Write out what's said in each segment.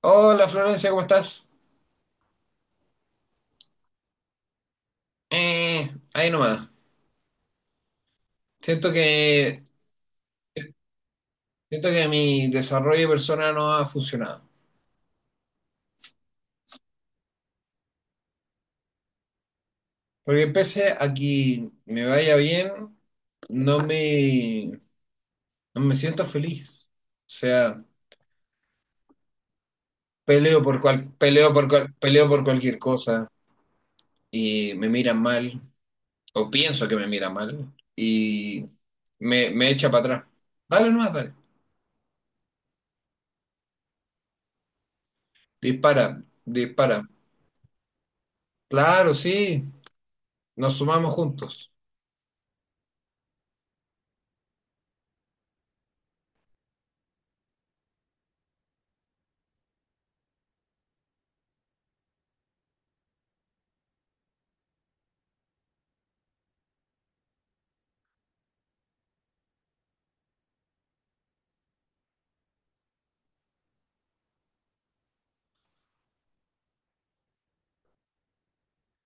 Hola Florencia, ¿cómo estás? Ahí nomás. Siento que, Siento que mi desarrollo personal no ha funcionado. Porque pese a que me vaya bien, no me, no me siento feliz. O sea, peleo por cualquier cosa y me miran mal, o pienso que me miran mal, y me echa para atrás. Dale nomás, dale. Dispara, dispara. Claro, sí, nos sumamos juntos.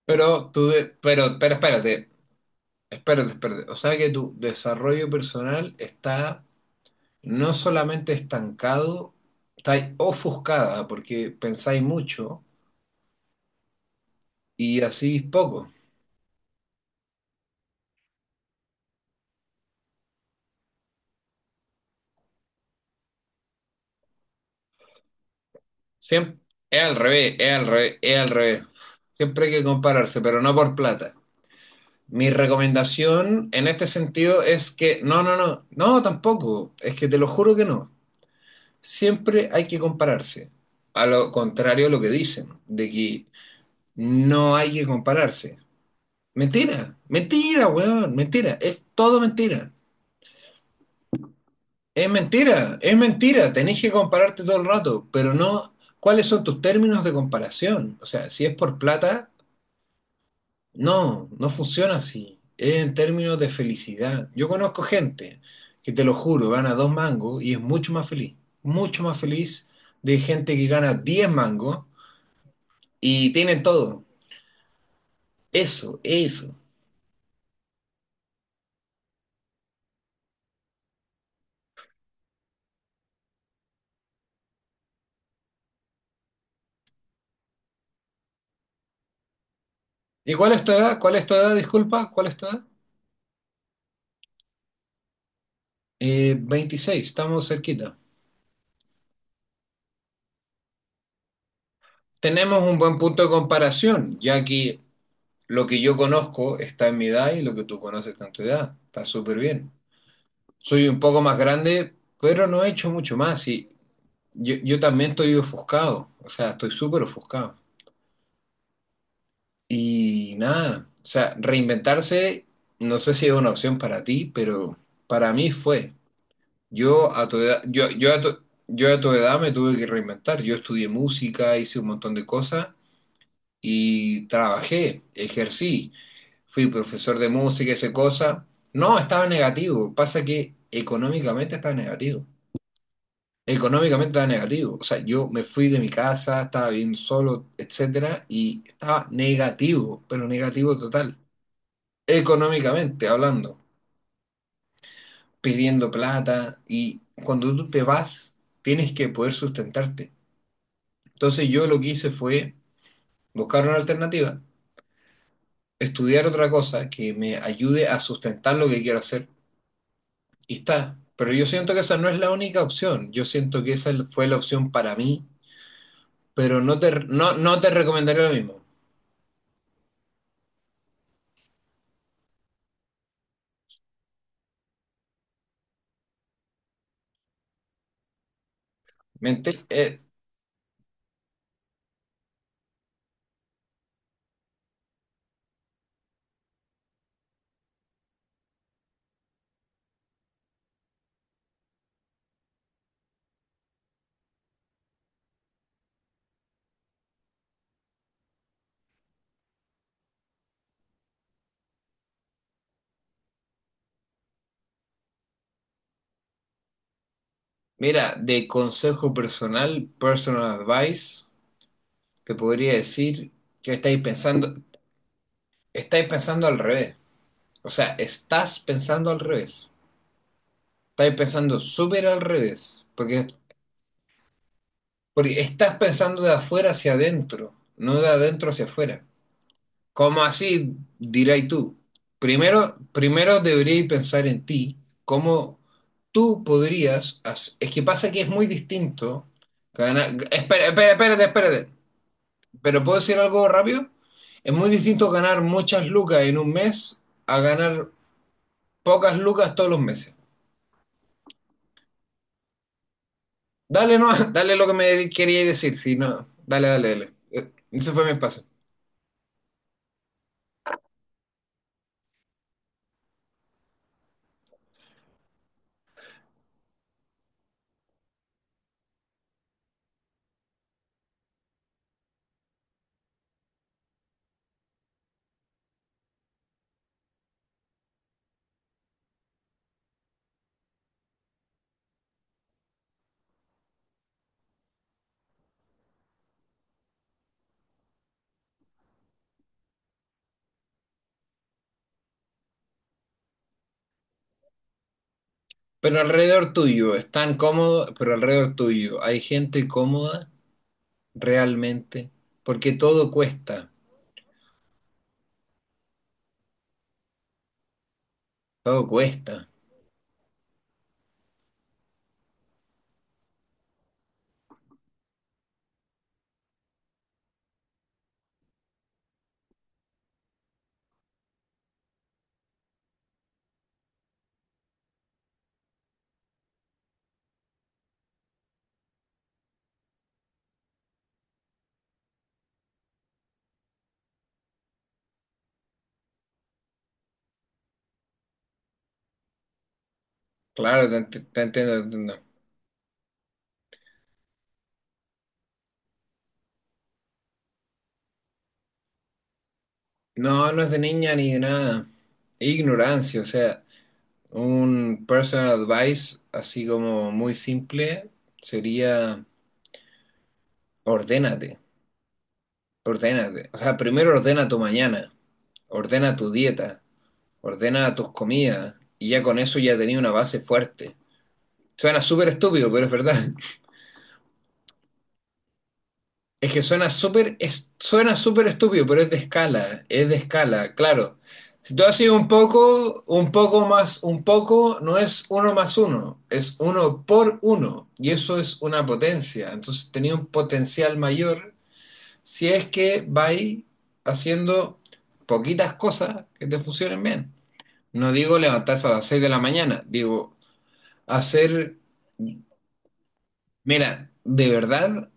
Pero espérate, espérate. O sea que tu desarrollo personal está no solamente estancado, está ofuscada porque pensáis mucho y así poco. Siempre, es al revés. Siempre hay que compararse, pero no por plata. Mi recomendación en este sentido es que, no, tampoco. Es que te lo juro que no. Siempre hay que compararse. A lo contrario a lo que dicen, de que no hay que compararse. Mentira, mentira, weón, mentira. Es todo mentira. Es mentira, es mentira. Tenés que compararte todo el rato, pero no. ¿Cuáles son tus términos de comparación? O sea, si es por plata, no, no funciona así. Es en términos de felicidad. Yo conozco gente que te lo juro, gana dos mangos y es mucho más feliz. Mucho más feliz de gente que gana 10 mangos y tienen todo. Eso, eso. ¿Y cuál es tu edad? ¿Cuál es tu edad? Disculpa, ¿cuál es tu edad? 26, estamos cerquita. Tenemos un buen punto de comparación, ya que lo que yo conozco está en mi edad y lo que tú conoces está en tu edad. Está súper bien. Soy un poco más grande, pero no he hecho mucho más. Y yo también estoy ofuscado, o sea, estoy súper ofuscado. Y nada, o sea, reinventarse, no sé si es una opción para ti, pero para mí fue. Yo a tu edad, yo, yo a tu- yo a tu edad me tuve que reinventar. Yo estudié música, hice un montón de cosas y trabajé, ejercí, fui profesor de música, esa cosa. No, estaba negativo. Pasa que económicamente estaba negativo. Económicamente estaba negativo. O sea, yo me fui de mi casa, estaba bien solo, etcétera, y estaba negativo, pero negativo total. Económicamente hablando, pidiendo plata y cuando tú te vas, tienes que poder sustentarte. Entonces yo lo que hice fue buscar una alternativa, estudiar otra cosa que me ayude a sustentar lo que quiero hacer. Y está. Pero yo siento que esa no es la única opción. Yo siento que esa fue la opción para mí, pero no te recomendaría lo mismo. ¿Me entiendes? Mira, de consejo personal, personal advice, te podría decir que estáis pensando al revés. O sea, estás pensando al revés. Estáis pensando súper al revés. Porque estás pensando de afuera hacia adentro, no de adentro hacia afuera. ¿Cómo así? Dirás tú. Primero deberías pensar en ti, cómo tú Es que pasa que es muy distinto. Ganar... Espera, espérate. ¿Pero puedo decir algo rápido? Es muy distinto ganar muchas lucas en un mes a ganar pocas lucas todos los meses. Dale, no, dale lo que me quería decir, si no, dale, dale. Ese fue mi espacio. Pero alrededor tuyo, están cómodos, pero alrededor tuyo, ¿hay gente cómoda? Realmente, porque todo cuesta, todo cuesta. Claro, te entiendo, te entiendo. No, no es de niña ni de nada. Ignorancia, o sea, un personal advice así como muy simple sería ordénate, ordénate. O sea, primero ordena tu mañana, ordena tu dieta, ordena tus comidas y ya con eso ya tenía una base fuerte. Suena súper estúpido, pero es verdad. Es que suena súper, es- Suena súper estúpido, pero es de escala, claro. Si tú haces un poco más, un poco no es uno más uno, es uno por uno, y eso es una potencia. Entonces tenía un potencial mayor si es que vais haciendo poquitas cosas que te funcionen bien. No digo levantarse a las 6 de la mañana, digo hacer... Mira, de verdad,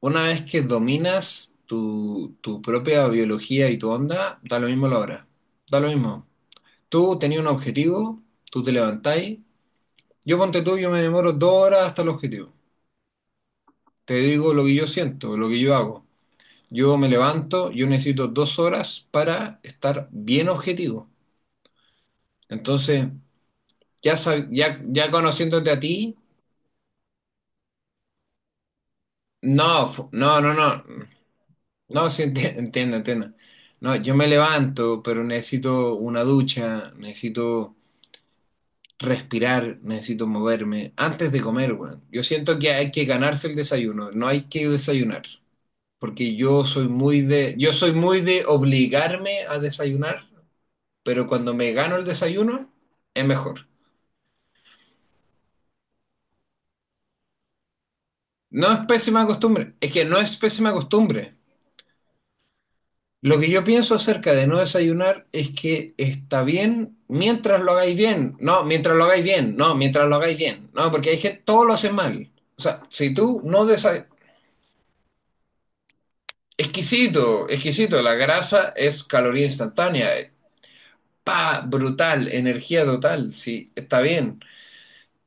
una vez que dominas tu propia biología y tu onda, da lo mismo la hora. Da lo mismo. Tú tenías un objetivo, tú te levantáis. Yo ponte tú, yo me demoro dos horas hasta el objetivo. Te digo lo que yo siento, lo que yo hago. Yo me levanto, yo necesito dos horas para estar bien objetivo. Entonces, ya conociéndote a ti, no. No, sí, entiendo, entiendo. No, yo me levanto, pero necesito una ducha, necesito respirar, necesito moverme antes de comer, weón. Yo siento que hay que ganarse el desayuno, no hay que desayunar, porque yo soy muy yo soy muy de obligarme a desayunar, pero cuando me gano el desayuno es mejor. No es pésima costumbre, es que no es pésima costumbre. Lo que yo pienso acerca de no desayunar es que está bien mientras lo hagáis bien. No, mientras lo hagáis bien. No, Mientras lo hagáis bien. No, porque hay gente, todo lo hace mal. O sea, si tú no desayunas... Exquisito, exquisito. La grasa es caloría instantánea. Pa, brutal, energía total. Sí, está bien.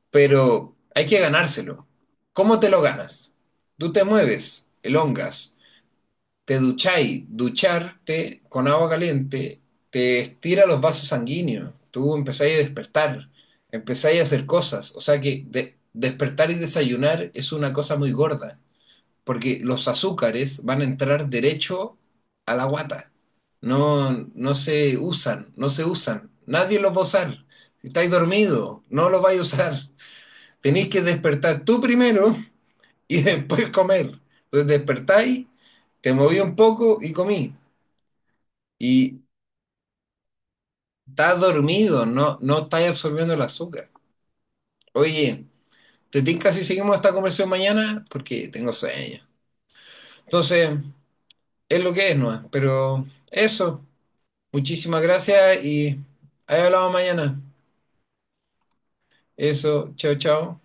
Pero hay que ganárselo. ¿Cómo te lo ganas? Tú te mueves, elongas, te ducháis, ducharte con agua caliente te estira los vasos sanguíneos, tú empezáis a despertar, empezáis a hacer cosas, o sea que despertar y desayunar es una cosa muy gorda, porque los azúcares van a entrar derecho a la guata, no se usan, nadie los va a usar, si estáis dormido, no los vais a usar, tenéis que despertar tú primero y después comer. Entonces despertáis, te moví un poco y comí. Y estás dormido, no estás absorbiendo el azúcar. Oye, te tinca si seguimos esta conversación mañana porque tengo sueño. Entonces, es lo que es, ¿no? Pero eso, muchísimas gracias y ahí hablamos mañana. Eso, chao, chao.